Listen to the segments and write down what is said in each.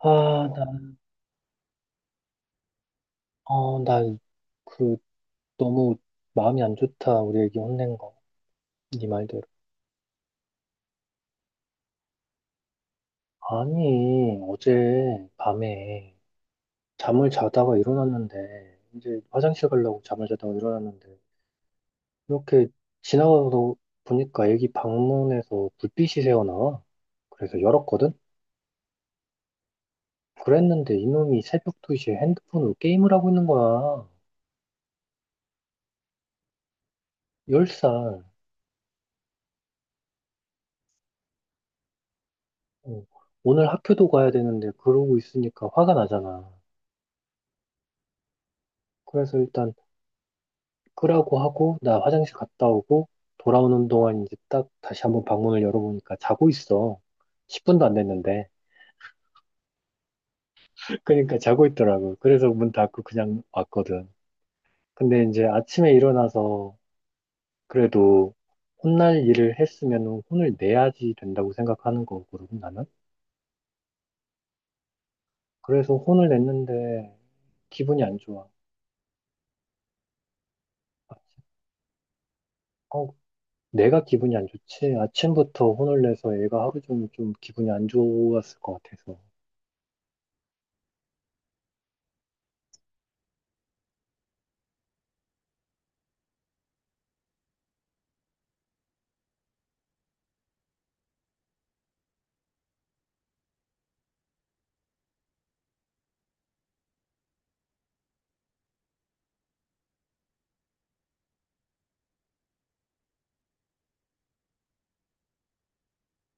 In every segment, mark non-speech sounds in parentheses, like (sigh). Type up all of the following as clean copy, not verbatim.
아, 나, 어, 나, 그, 너무 마음이 안 좋다. 우리 애기 혼낸 거. 네 말대로. 아니, 어제 밤에 잠을 자다가 일어났는데, 이제 화장실 가려고 잠을 자다가 일어났는데, 이렇게 지나가서 보니까 애기 방문에서 불빛이 새어나와. 그래서 열었거든? 그랬는데 이놈이 새벽 2시에 핸드폰으로 게임을 하고 있는 거야. 10살. 오늘 학교도 가야 되는데 그러고 있으니까 화가 나잖아. 그래서 일단 끄라고 하고 나 화장실 갔다 오고 돌아오는 동안 이제 딱 다시 한번 방문을 열어보니까 자고 있어. 10분도 안 됐는데. (laughs) 그러니까 자고 있더라고. 그래서 문 닫고 그냥 왔거든. 근데 이제 아침에 일어나서 그래도 혼날 일을 했으면 혼을 내야지 된다고 생각하는 거거든, 나는. 그래서 혼을 냈는데 기분이 안 좋아. 아, 어, 내가 기분이 안 좋지? 아침부터 혼을 내서 얘가 하루 종일 좀 기분이 안 좋았을 것 같아서.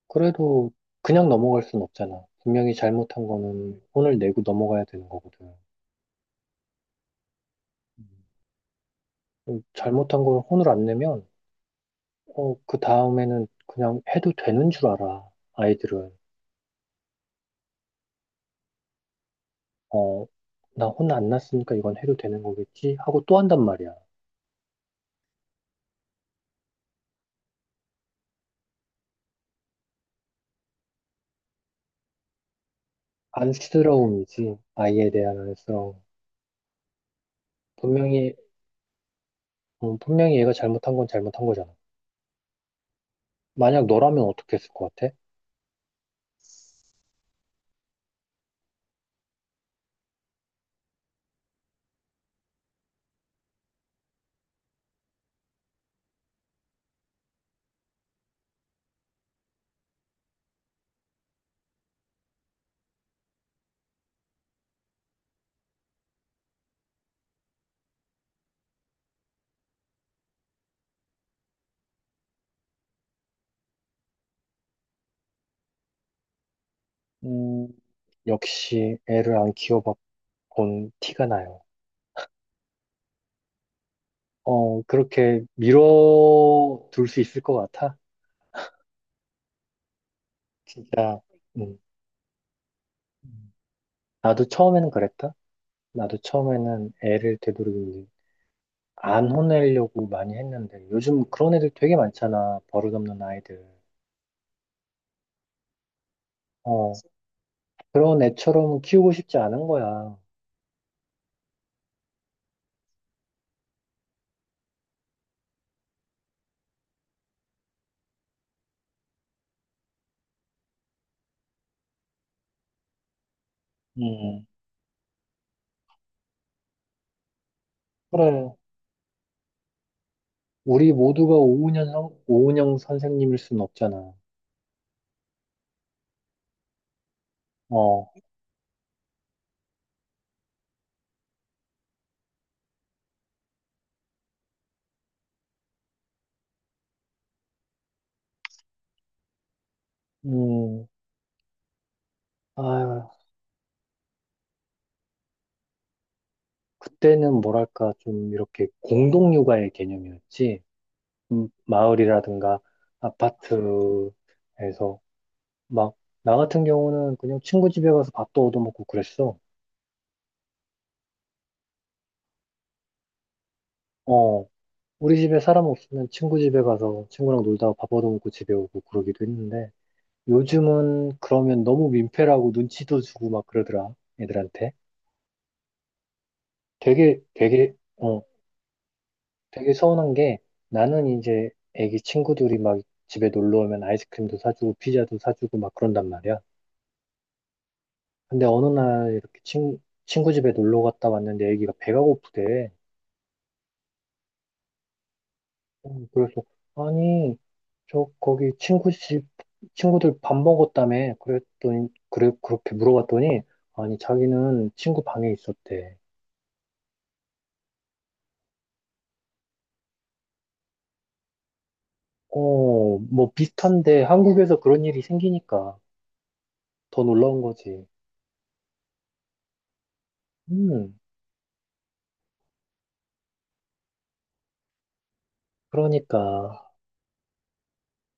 그래도 그냥 넘어갈 순 없잖아. 분명히 잘못한 거는 혼을 내고 넘어가야 되는 거거든. 음. 잘못한 걸 혼을 안 내면, 그 다음에는 그냥 해도 되는 줄 알아, 아이들은. 어, 나 혼 안 났으니까 이건 해도 되는 거겠지? 하고 또 한단 말이야. 안쓰러움이지, 아이에 대한 안쓰러움. 분명히, 분명히 얘가 잘못한 건 잘못한 거잖아. 만약 너라면 어떻게 했을 것 같아? 음, 역시 애를 안 키워봐 본 티가 나요. 그렇게 밀어둘 수 있을 것 같아. 진짜, 음. 나도 처음에는 그랬다. 나도 처음에는 애를 되도록이면 안 혼내려고 많이 했는데, 요즘 그런 애들 되게 많잖아. 버릇없는 아이들. 어, 그런 애처럼 키우고 싶지 않은 거야. 음, 그래. 우리 모두가 오은영 선생님일 순 없잖아. 어, 음, 아, 그때는 뭐랄까, 좀 이렇게 공동육아의 개념이었지. 마을이라든가 아파트에서 막 나 같은 경우는 그냥 친구 집에 가서 밥도 얻어먹고 그랬어. 어, 우리 집에 사람 없으면 친구 집에 가서 친구랑 놀다가 밥 얻어먹고 집에 오고 그러기도 했는데 요즘은 그러면 너무 민폐라고 눈치도 주고 막 그러더라, 애들한테. 되게 되게 어, 되게 서운한 게 나는 이제 애기 친구들이 막 집에 놀러 오면 아이스크림도 사주고 피자도 사주고 막 그런단 말이야. 근데 어느 날 이렇게 친구 집에 놀러 갔다 왔는데 애기가 배가 고프대. 그래서, 아니, 저, 거기 친구 집, 친구들 밥 먹었다며. 그렇게 물어봤더니, 아니, 자기는 친구 방에 있었대. 뭐 비슷한데 한국에서 그런 일이 생기니까 더 놀라운 거지. 음, 그러니까.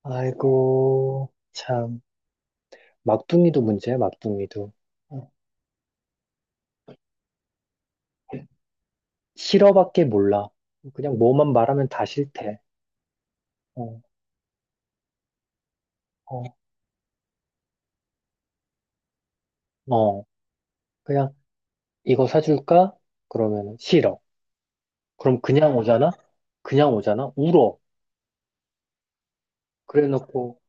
아이고, 참. 막둥이도 문제야, 막둥이도. 어, 싫어밖에 몰라. 그냥 뭐만 말하면 다 싫대. 어, 어, 어. 그냥 이거 사줄까? 그러면 싫어. 그럼 그냥 오잖아? 그냥 오잖아? 울어. 그래 놓고,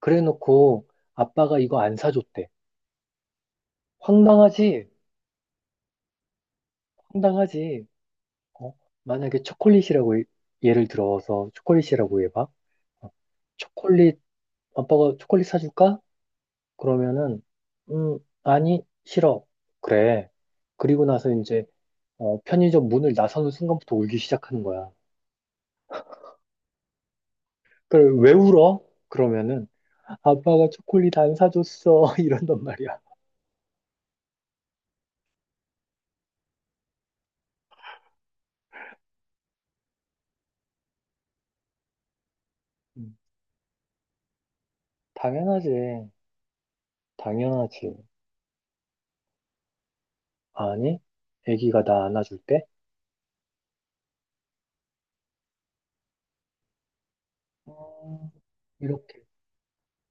그래 놓고 아빠가 이거 안 사줬대. 황당하지? 황당하지? 어? 만약에 초콜릿이라고 예를 들어서 초콜릿이라고 해봐. 어, 초콜릿, 아빠가 초콜릿 사줄까? 그러면은, 아니, 싫어. 그래. 그리고 나서 이제, 편의점 문을 나서는 순간부터 울기 시작하는 거야. 그걸 왜 울어? 그러면은 아빠가 초콜릿 안 사줬어 (laughs) 이런단 말이야. 음, 당연하지, 당연하지. 아니, 아기가 나 안아줄 때 어, 이렇게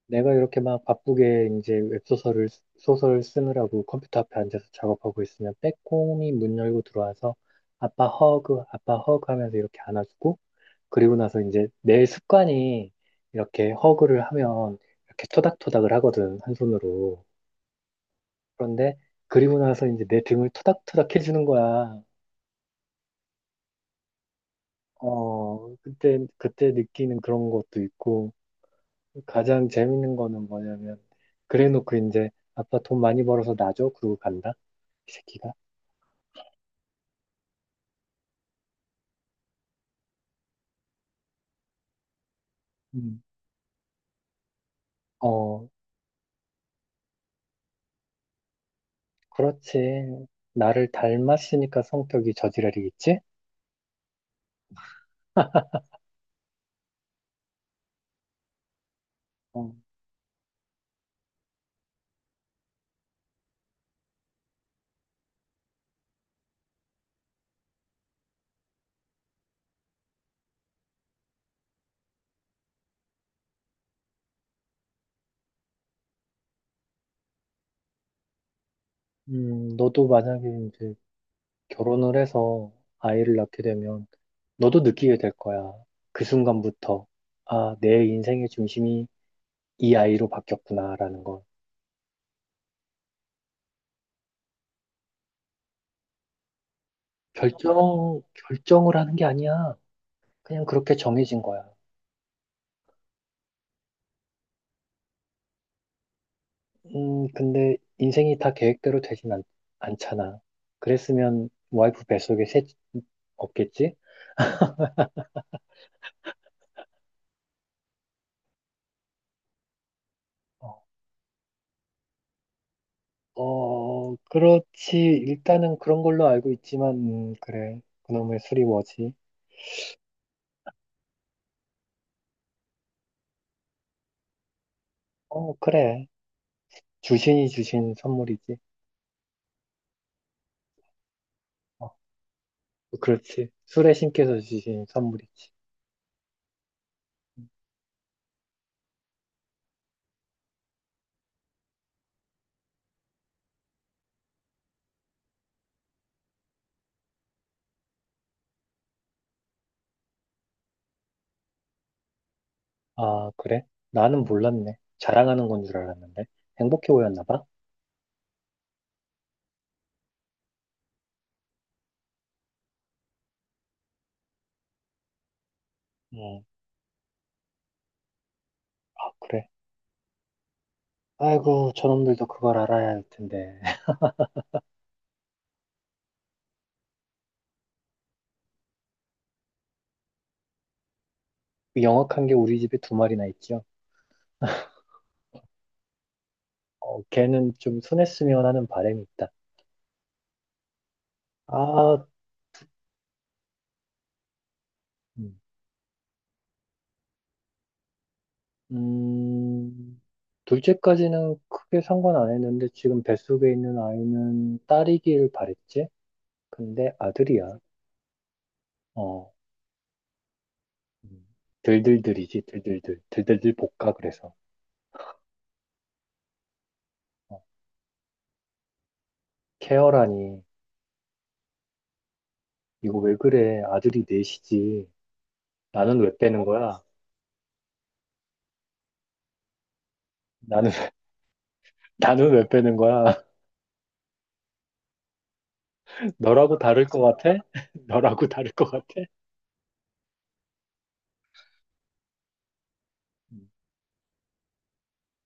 내가 이렇게 막 바쁘게 이제 웹소설을 소설을 쓰느라고 컴퓨터 앞에 앉아서 작업하고 있으면 빼꼼히 문 열고 들어와서 아빠 허그, 아빠 허그 하면서 이렇게 안아주고 그리고 나서 이제 내 습관이 이렇게 허그를 하면 이렇게 토닥토닥을 하거든 한 손으로. 그런데 그리고 나서 이제 내 등을 토닥토닥 해주는 거야. 그때, 그때 느끼는 그런 것도 있고, 가장 재밌는 거는 뭐냐면, 그래 놓고 이제, 아빠 돈 많이 벌어서 나 줘? 그러고 간다? 이 새끼가. 음. 어, 그렇지. 나를 닮았으니까 성격이 저지랄이겠지? 어. 너도 만약에 이제 결혼을 해서 아이를 낳게 되면, 너도 느끼게 될 거야. 그 순간부터. 아, 내 인생의 중심이 이 아이로 바뀌었구나라는 걸. 결정, 결정을 하는 게 아니야. 그냥 그렇게 정해진 거야. 근데 인생이 다 계획대로 되진 않잖아. 그랬으면 와이프 뱃속에 없겠지? 어, 어, 그렇지. 일단은 그런 걸로 알고 있지만, 그래. 그놈의 술이 뭐지? 그래. 주신이 주신 선물이지. 어, 그렇지. 술에 신께서 주신 선물이지. 아, 그래? 나는 몰랐네. 자랑하는 건 줄 알았는데. 행복해 보였나 봐? 응. 아, 그래. 아이고, 저놈들도 그걸 알아야 할 텐데. (laughs) 그 영악한 게 우리 집에 두 마리나 있죠. 걔는 좀 순했으면 하는 바람이 있다. 아, 음, 음, 둘째까지는 크게 상관 안 했는데 지금 뱃속에 있는 아이는 딸이길 바랬지? 근데 아들이야. 어, 음. 들들들이지, 들들들. 들들들 볶아, 그래서. 어, 케어라니. 이거 왜 그래? 아들이 넷이지. 나는 왜 빼는 거야? 나는, (laughs) 나는 왜 빼는 거야? (laughs) 너라고 다를 것 같아? (laughs) 너라고 다를 것 같아? 음,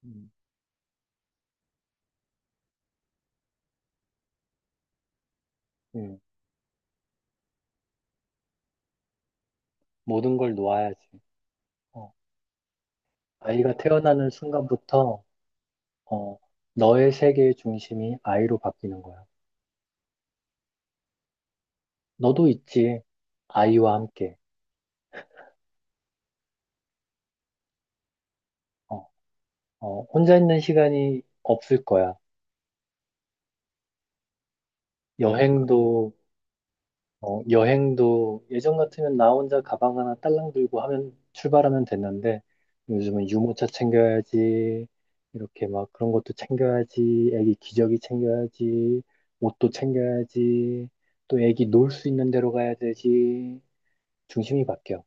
음, 음. 모든 걸 놓아야지. 어, 아이가 태어나는 순간부터, 어, 너의 세계의 중심이 아이로 바뀌는 거야. 너도 있지. 아이와 함께. 어, 혼자 있는 시간이 없을 거야. 여행도 여행도 예전 같으면 나 혼자 가방 하나 딸랑 들고 하면 출발하면 됐는데 요즘은 유모차 챙겨야지 이렇게 막 그런 것도 챙겨야지 애기 기저귀 챙겨야지 옷도 챙겨야지 또 애기 놀 수 있는 데로 가야 되지 중심이 바뀌어.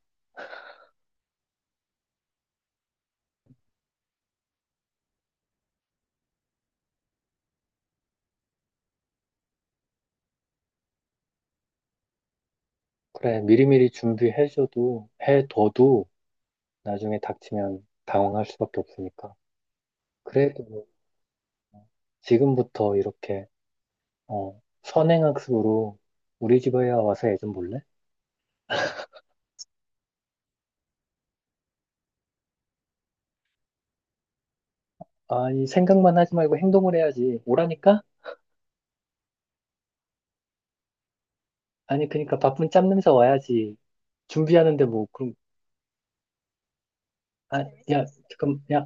그래 미리미리 준비해줘도 해둬도 나중에 닥치면 당황할 수밖에 없으니까. 그래도 지금부터 이렇게 선행학습으로 우리 집에 와서 애 좀 볼래? 아니, 생각만 하지 말고 행동을 해야지. 오라니까? 아니, 그니까 바쁜 짬 냄새 와야지. 준비하는데 뭐, 그럼, 아, 야, 잠깐, 야,